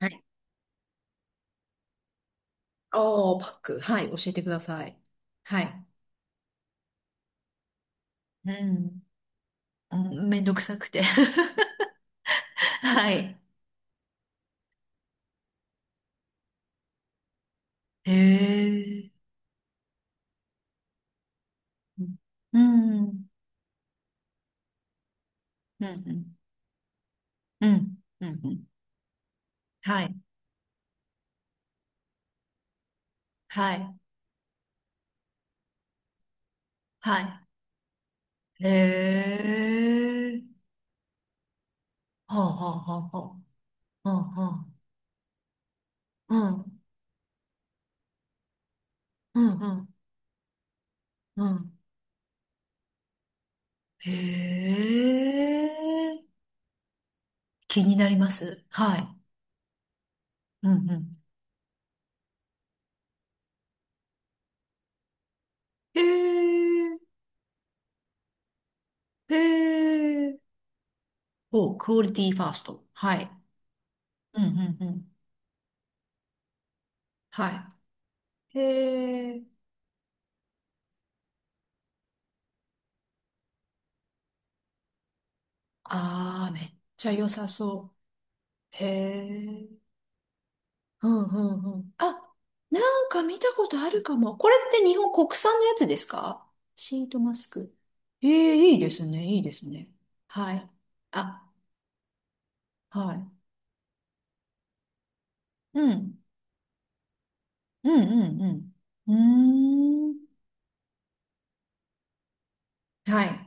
はい。ああ、パック。はい、教えてください。はい。うん。うん、めんどくさくて はい。へえ。うん。うん。うん。うん。うん。うん。はい。はい。はい。へえ。はあはあはあはあ。はあはあ。うん。うん。うん。うん。へえ。気になります。はい。うんうん。へえ。へえ。お、クオリティファースト。はい。うんうんうん。はい。へえ。ああ、めっちゃ良さそう。へえ。うんうんうん。あ、なんか見たことあるかも。これって日本国産のやつですか？シートマスク。ええ、いいですね、いいですね。はい。あ、はい。うん。うんうんうん。うーん。はい。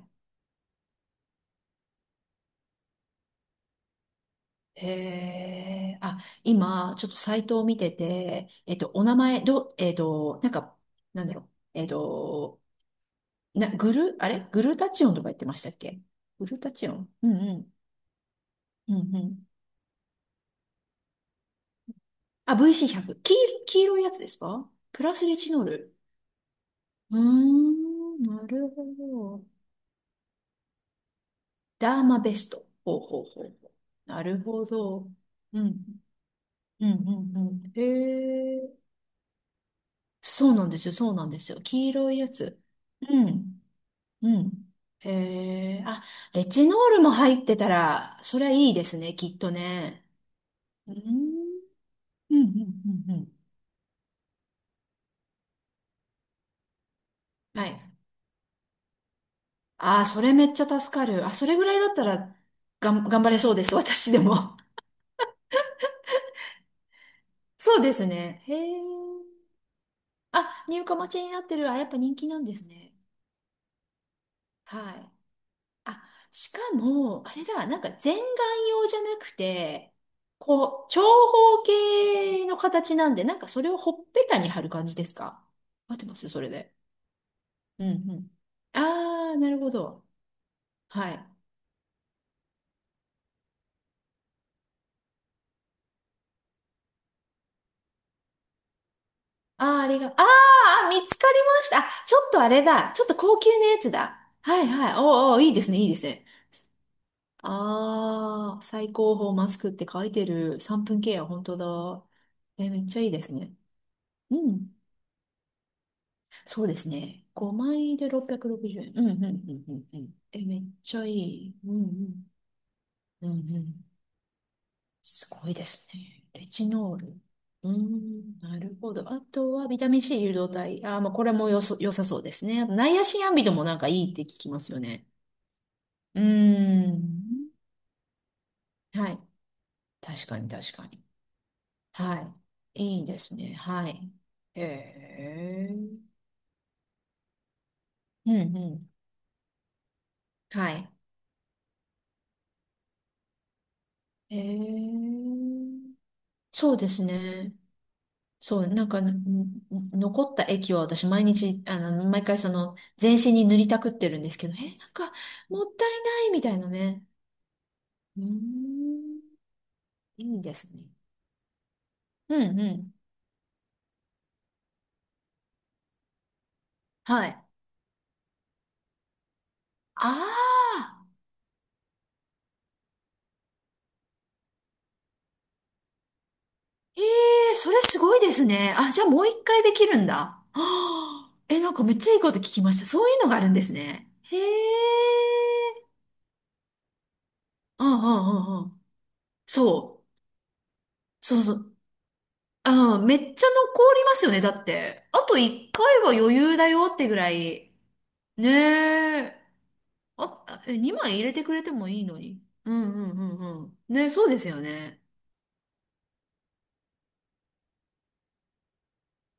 へえ。あ、今、ちょっとサイトを見てて、お名前、なんか、なんだろう。な、グル、あれ、グルタチオンとか言ってましたっけ？グルタチオン、うんうん。うんうん。あ、VC100。黄色いやつですか？プラスレチノール。うーん、なるほど。ダーマベスト。ほうほうほうほう。なるほど。うん。うんうんうん。へえ。そうなんですよ、そうなんですよ。黄色いやつ。うん。うん。へえ。あ、レチノールも入ってたら、そりゃいいですね、きっとね。うん。うんうんうんうん。はい。ああ、それめっちゃ助かる。あ、それぐらいだったら、頑張れそうです。私でも。そうですね。へえ。あ、入荷待ちになってる。あ、やっぱ人気なんですね。はい。あ、しかも、あれだ、なんか全顔用じゃなくて、こう、長方形の形なんで、なんかそれをほっぺたに貼る感じですか？合ってますそれで。うんうん。ああ、なるほど。はい。ああ、ありが、あーあー、見つかりました。あ、ちょっとあれだ。ちょっと高級なやつだ。はいはい。おーおー、いいですね、いいですね。ああ、最高峰マスクって書いてる3分ケア、本当だ。え、めっちゃいいですね。うん。そうですね。5枚で660円。うん、うん、うん、うん。うん。え、めっちゃいい。うん、うん。うん、うん。すごいですね。レチノール。うーん、なるほど。あとはビタミン C 誘導体。あー、まあ、これも良さそうですね。あとナイアシンアンビドもなんかいいって聞きますよね。うーん。はい。確かに確かに。はい。いいですね。はい。へえ。うんうん。はい。へえ。そうですね。そう、なんか、ん、残った液を私毎日、あの、毎回その、全身に塗りたくってるんですけど、え、なんか、もったいないみたいなね。うーん、いいですね。うんうん。はい。ああ、ええ、それすごいですね。あ、じゃあもう一回できるんだ。はあ、え、なんかめっちゃいいこと聞きました。そういうのがあるんですね。へえ。うんうんうんうん。そう。そうそう。ああ、めっちゃ残りますよね、だって。あと1回は余裕だよってぐらい。ねえ。あ、あえ、2枚入れてくれてもいいのに。うんうんうんうん。ね、そうですよね。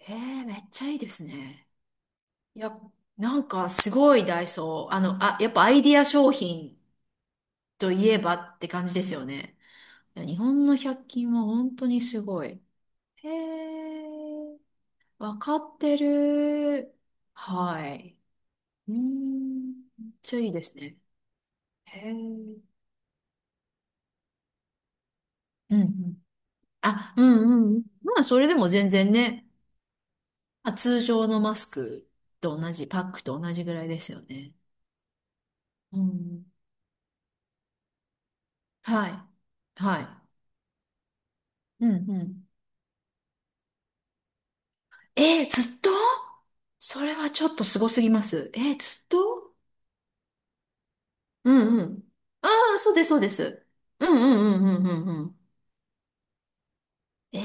ええ、めっちゃいいですね。いや、なんかすごいダイソー。あの、あ、やっぱアイディア商品といえばって感じですよね。いや、日本の百均は本当にすごい。へえ、わかってる。はい。うーん、めっちゃいいですね。へえ。うんうん。あ、うんうんうん。まあ、それでも全然ね、あ、通常のマスクと同じ、パックと同じぐらいですよね。うん。はい。はい。うんうん。えー、ずっとそれはちょっとすごすぎます。えー、ずっとうんうん。ああ、そうです、そうです。うんうんうんうんうん。え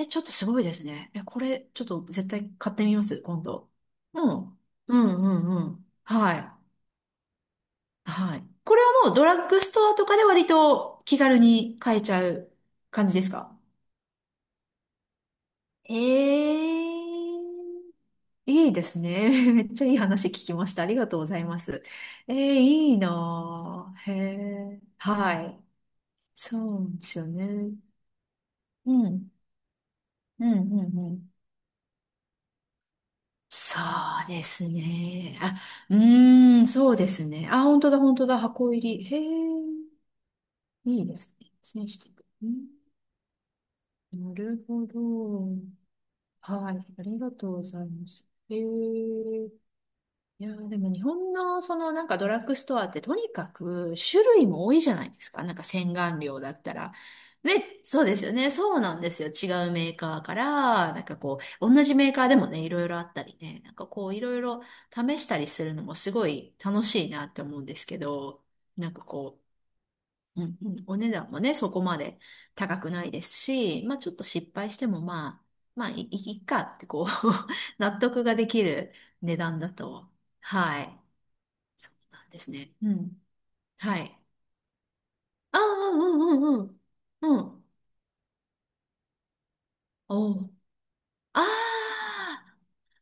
え、ちょっとすごいですね。え、これ、ちょっと絶対買ってみます、今度。うん。うんうんうん。はい。はい。これはもうドラッグストアとかで割と気軽に買えちゃう感じですか？ええ、いいですね。めっちゃいい話聞きました。ありがとうございます。ええ、いいなぁ。へえ。はい。そうですよね。うん。うんうんうん。そうですね。あ、うーん、そうですね。あ、本当だ、本当だ、箱入り。へえ、いいですね。選手、うん、なるほど。はい、ありがとうございます。へえ。いやーでも日本のそのなんかドラッグストアってとにかく種類も多いじゃないですか。なんか洗顔料だったら。ね、そうですよね。そうなんですよ。違うメーカーから、なんかこう、同じメーカーでもね、いろいろあったりね、なんかこう、いろいろ試したりするのもすごい楽しいなって思うんですけど、なんかこう、うんうん、お値段もね、そこまで高くないですし、まあちょっと失敗してもまあ、まあいい、いっかってこう 納得ができる値段だと。はい。そうなんですね。うん。はい。ああ、うんうんうんうん。うん。おう。ああ、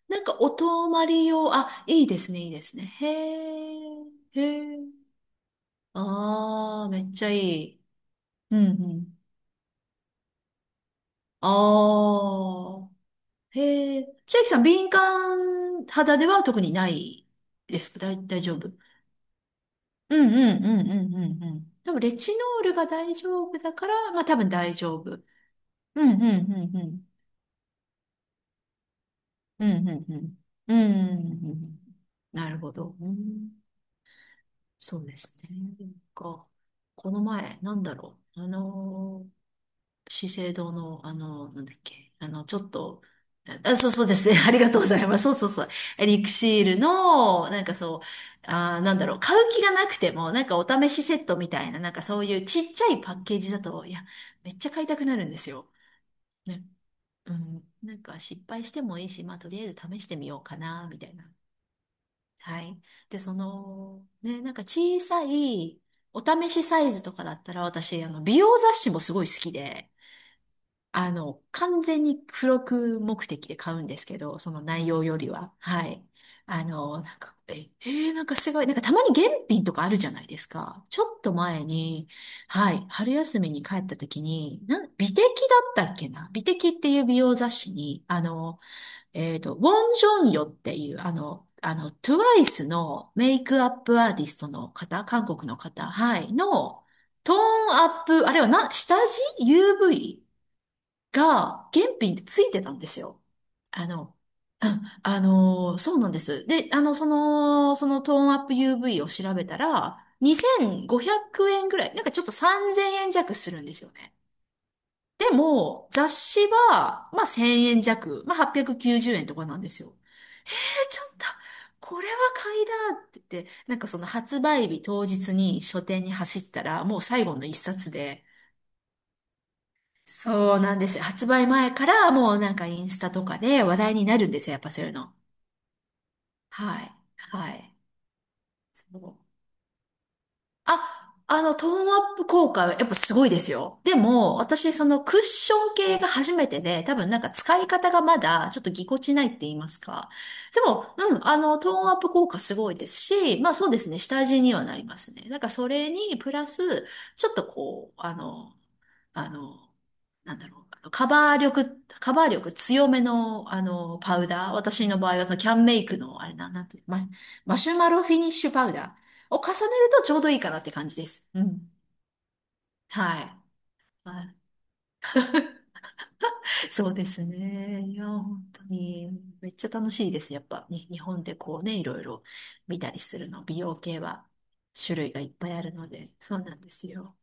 なんかお泊まり用、あ、いいですね、いいですね。へえ、へえ。ああ、めっちゃいい。うんうん。ああ、へえ。千秋さん、敏感肌では特にないですか？大丈夫。うんうんうんうんうんうん。多分、レチノールが大丈夫だから、まあ多分大丈夫。うんうんうんうん。うん、うん、うん。うん、うんうん、なるほど。うん、そうですね。なんか、この前、なんだろう。資生堂の、なんだっけ。ちょっと、あ、そうそうですね。ありがとうございます。そうそうそう。エリクシールの、なんかそう、あー、なんだろう。買う気がなくても、なんかお試しセットみたいな、なんかそういうちっちゃいパッケージだと、いや、めっちゃ買いたくなるんですよ。ね、うん、なんか失敗してもいいし、まあとりあえず試してみようかな、みたいな。はい。で、その、ね、なんか小さいお試しサイズとかだったら私、美容雑誌もすごい好きで、完全に付録目的で買うんですけど、その内容よりは。はい。なんか、え、なんかすごい、なんかたまに現品とかあるじゃないですか。ちょっと前に、はい、春休みに帰った時に、美的だったっけな、美的っていう美容雑誌に、ウォン・ジョンヨっていう、TWICE のメイクアップアーティストの方、韓国の方、はい、の、トーンアップ、あれはな、下地 ?UV が原品でついてたんですよ。あの、そうなんです。で、そのトーンアップ UV を調べたら、2500円ぐらい、なんかちょっと3000円弱するんですよね。でも、雑誌は、まあ、1000円弱、まあ、890円とかなんですよ。ちょっと、これは買いだって言って、なんかその発売日当日に書店に走ったら、もう最後の一冊で、そうなんですよ。発売前からもうなんかインスタとかで話題になるんですよ。やっぱそういうの。はい。はい。そう。あ、トーンアップ効果はやっぱすごいですよ。でも、私、そのクッション系が初めてで、多分なんか使い方がまだちょっとぎこちないって言いますか。でも、うん、トーンアップ効果すごいですし、まあそうですね、下地にはなりますね。なんかそれに、プラス、ちょっとこう、あの、なんだろう、カバー力強めの、パウダー。私の場合は、そのキャンメイクの、あれな、なんていう、マシュマロフィニッシュパウダーを重ねるとちょうどいいかなって感じです。うん。はい。はい。そうですね。いや、本当に、めっちゃ楽しいです。やっぱね、日本でこうね、いろいろ見たりするの。美容系は種類がいっぱいあるので、そうなんですよ。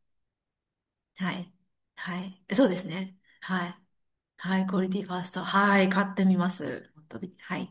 はい。はい。そうですね。はい。はい、クオリティファースト。はい、買ってみます。本当に。はい。